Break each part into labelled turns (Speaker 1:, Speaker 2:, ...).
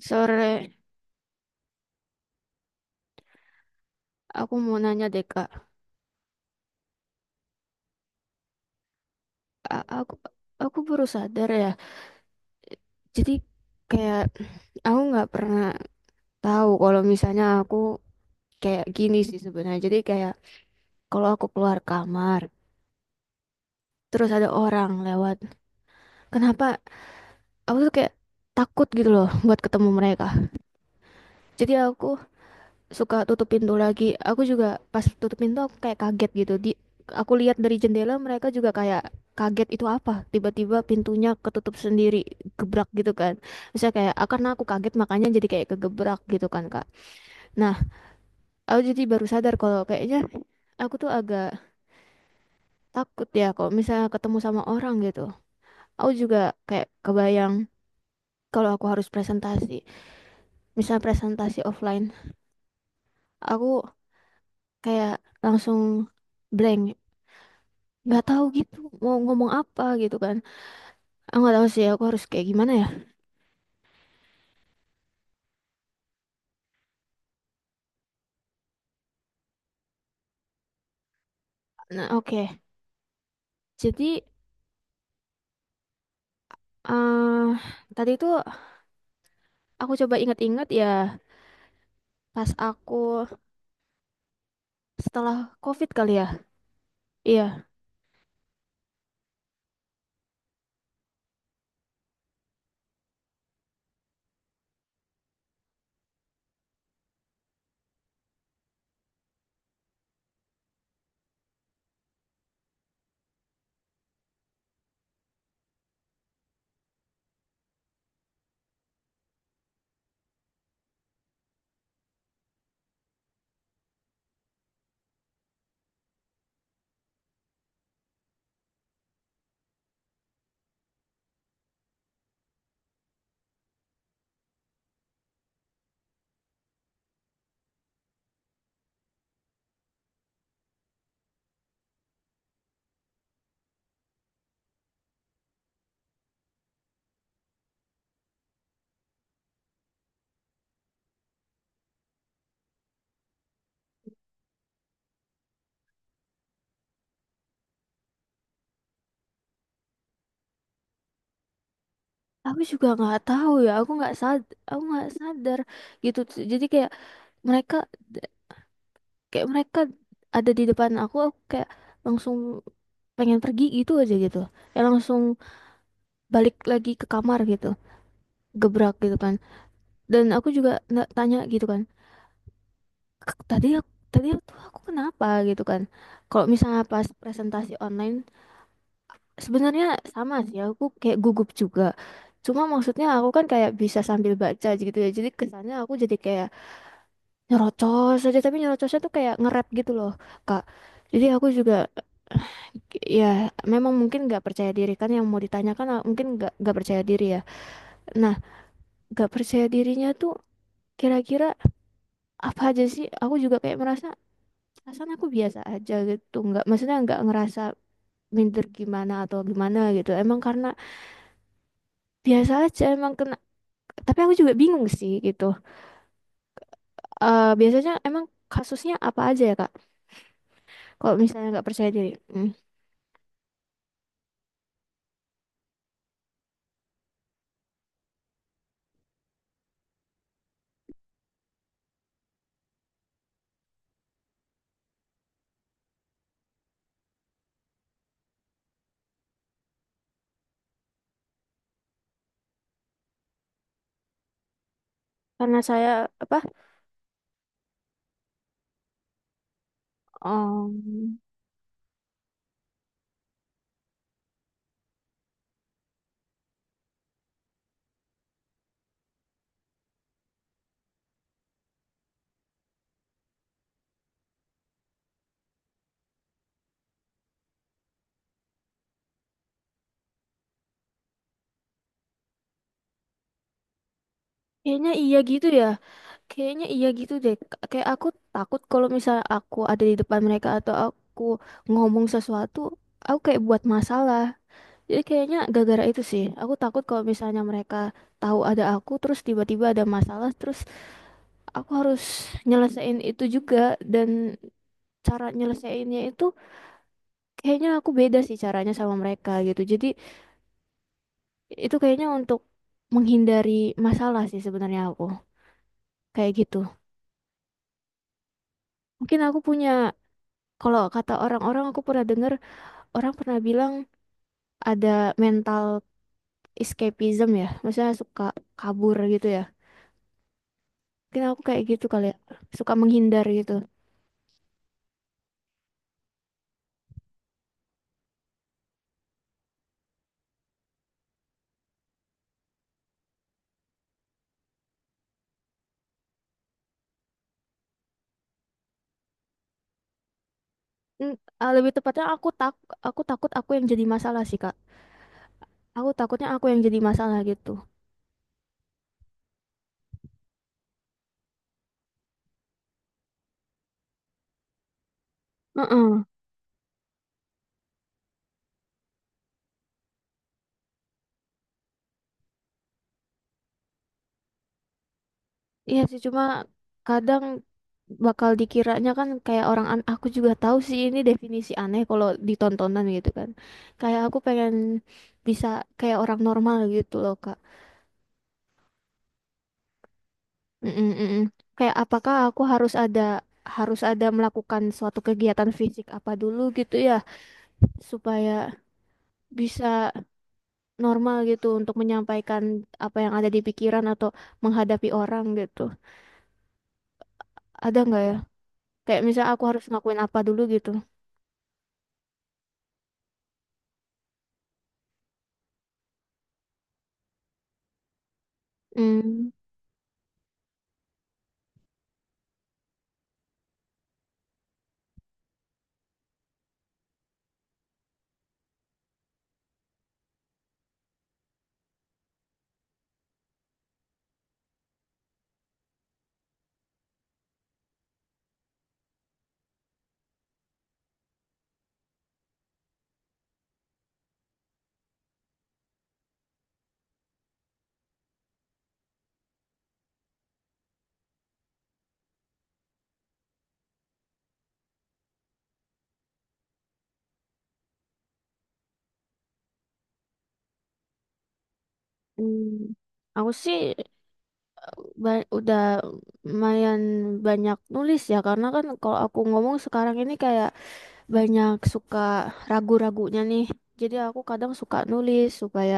Speaker 1: Sore, aku mau nanya deh Kak. A- aku aku baru sadar ya. Jadi kayak aku nggak pernah tahu kalau misalnya aku kayak gini sih sebenarnya. Jadi kayak kalau aku keluar kamar, terus ada orang lewat, kenapa aku tuh kayak takut gitu loh buat ketemu mereka. Jadi aku suka tutup pintu lagi. Aku juga pas tutup pintu aku kayak kaget gitu. Aku lihat dari jendela mereka juga kayak kaget itu apa? Tiba-tiba pintunya ketutup sendiri, gebrak gitu kan. Misalnya kayak ah, karena aku kaget makanya jadi kayak kegebrak gitu kan, Kak. Nah, aku jadi baru sadar kalau kayaknya aku tuh agak takut ya kalau misalnya ketemu sama orang gitu. Aku juga kayak kebayang kalau aku harus presentasi, misalnya presentasi offline, aku kayak langsung blank nggak tahu gitu mau ngomong apa gitu kan aku nggak tahu sih aku harus kayak gimana ya nah oke jadi eh tadi itu aku coba ingat-ingat ya pas aku setelah COVID kali ya iya aku juga nggak tahu ya aku nggak sadar gitu jadi mereka kayak mereka ada di depan aku kayak langsung pengen pergi gitu aja gitu ya langsung balik lagi ke kamar gitu gebrak gitu kan dan aku juga nggak tanya gitu kan tadi tuh aku kenapa gitu kan kalau misalnya pas presentasi online sebenarnya sama sih aku kayak gugup juga cuma maksudnya aku kan kayak bisa sambil baca gitu ya jadi kesannya aku jadi kayak nyerocos aja tapi nyerocosnya tuh kayak nge-rap gitu loh Kak jadi aku juga ya memang mungkin nggak percaya diri kan yang mau ditanyakan ah, mungkin nggak percaya diri ya nah nggak percaya dirinya tuh kira-kira apa aja sih aku juga kayak merasa perasaan aku biasa aja gitu nggak maksudnya nggak ngerasa minder gimana atau gimana gitu emang karena biasa aja emang kena tapi aku juga bingung sih gitu. Eh biasanya emang kasusnya apa aja ya kak kalau misalnya nggak percaya diri. Hmm, karena saya apa. Em, kayaknya iya gitu ya kayaknya iya gitu deh kayak aku takut kalau misalnya aku ada di depan mereka atau aku ngomong sesuatu aku kayak buat masalah. Jadi kayaknya gara-gara itu sih. Aku takut kalau misalnya mereka tahu ada aku, terus tiba-tiba ada masalah, terus aku harus nyelesain itu juga. Dan cara nyelesainnya itu kayaknya aku beda sih caranya sama mereka gitu. Jadi itu kayaknya untuk menghindari masalah sih sebenarnya aku. Kayak gitu. Mungkin aku punya, kalau kata orang-orang aku pernah dengar, orang pernah bilang ada mental escapism ya. Maksudnya suka kabur gitu ya. Mungkin aku kayak gitu kali ya. Suka menghindar gitu. Mm, ah, lebih tepatnya aku tak aku takut aku yang jadi masalah sih Kak. Aku takutnya aku yang jadi masalah gitu. Heeh. Iya sih cuma kadang bakal dikiranya kan kayak orang an aku juga tahu sih ini definisi aneh kalau ditontonan gitu kan. Kayak aku pengen bisa kayak orang normal gitu loh Kak. Mm-mm, mm-mm. Kayak apakah aku harus ada melakukan suatu kegiatan fisik apa dulu gitu ya supaya bisa normal gitu untuk menyampaikan apa yang ada di pikiran atau menghadapi orang gitu. Ada nggak ya? Kayak misalnya aku harus ngakuin apa dulu gitu. Hmm, hmm. Aku sih udah lumayan banyak nulis ya karena kan kalau aku ngomong sekarang ini kayak banyak suka ragu-ragunya nih. Jadi aku kadang suka nulis supaya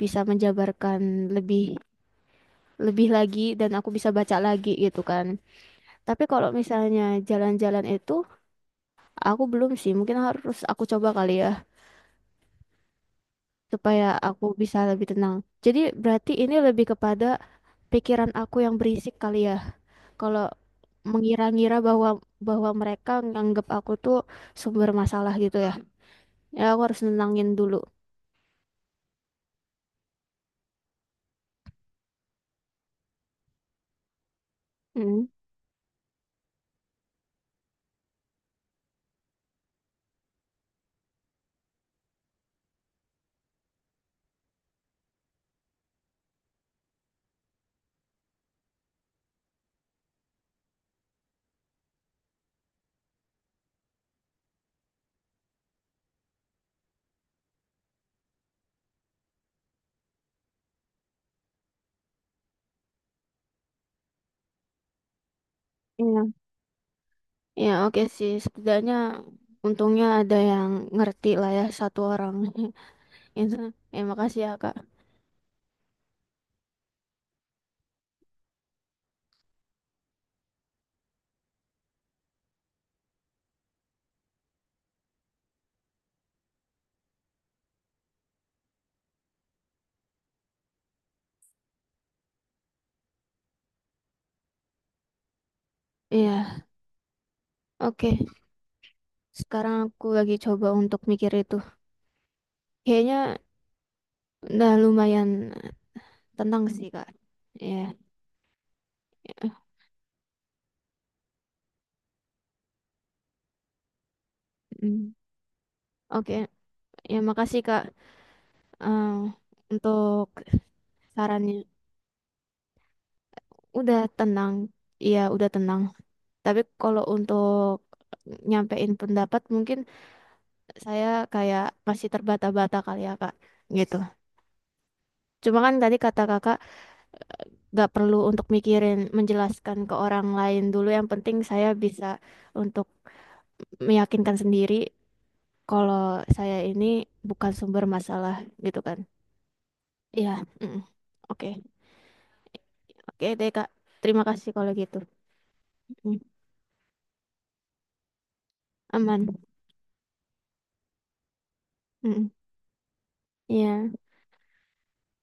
Speaker 1: bisa menjabarkan lebih lebih lagi dan aku bisa baca lagi gitu kan. Tapi kalau misalnya jalan-jalan itu aku belum sih, mungkin harus aku coba kali ya, supaya aku bisa lebih tenang. Jadi berarti ini lebih kepada pikiran aku yang berisik kali ya. Kalau mengira-ngira bahwa bahwa mereka nganggap aku tuh sumber masalah gitu ya. Ya aku harus nenangin dulu. Hmm. Iya. Ya oke sih, setidaknya untungnya ada yang ngerti lah ya satu orang. Itu. Ya makasih ya Kak. Iya, oke. Sekarang aku lagi coba untuk mikir itu. Kayaknya udah lumayan tenang sih Kak. Ya. Mm. Oke, ya makasih Kak eh, untuk sarannya. Udah tenang. Iya, udah tenang. Tapi kalau untuk nyampein pendapat mungkin saya kayak masih terbata-bata kali ya Kak. Gitu. Cuma kan tadi kata Kakak gak perlu untuk mikirin menjelaskan ke orang lain dulu. Yang penting saya bisa untuk meyakinkan sendiri kalau saya ini bukan sumber masalah gitu kan. Iya. Mm. Oke. Oke deh, Kak. Terima kasih kalau gitu. Mm. Aman. Mm. Iya.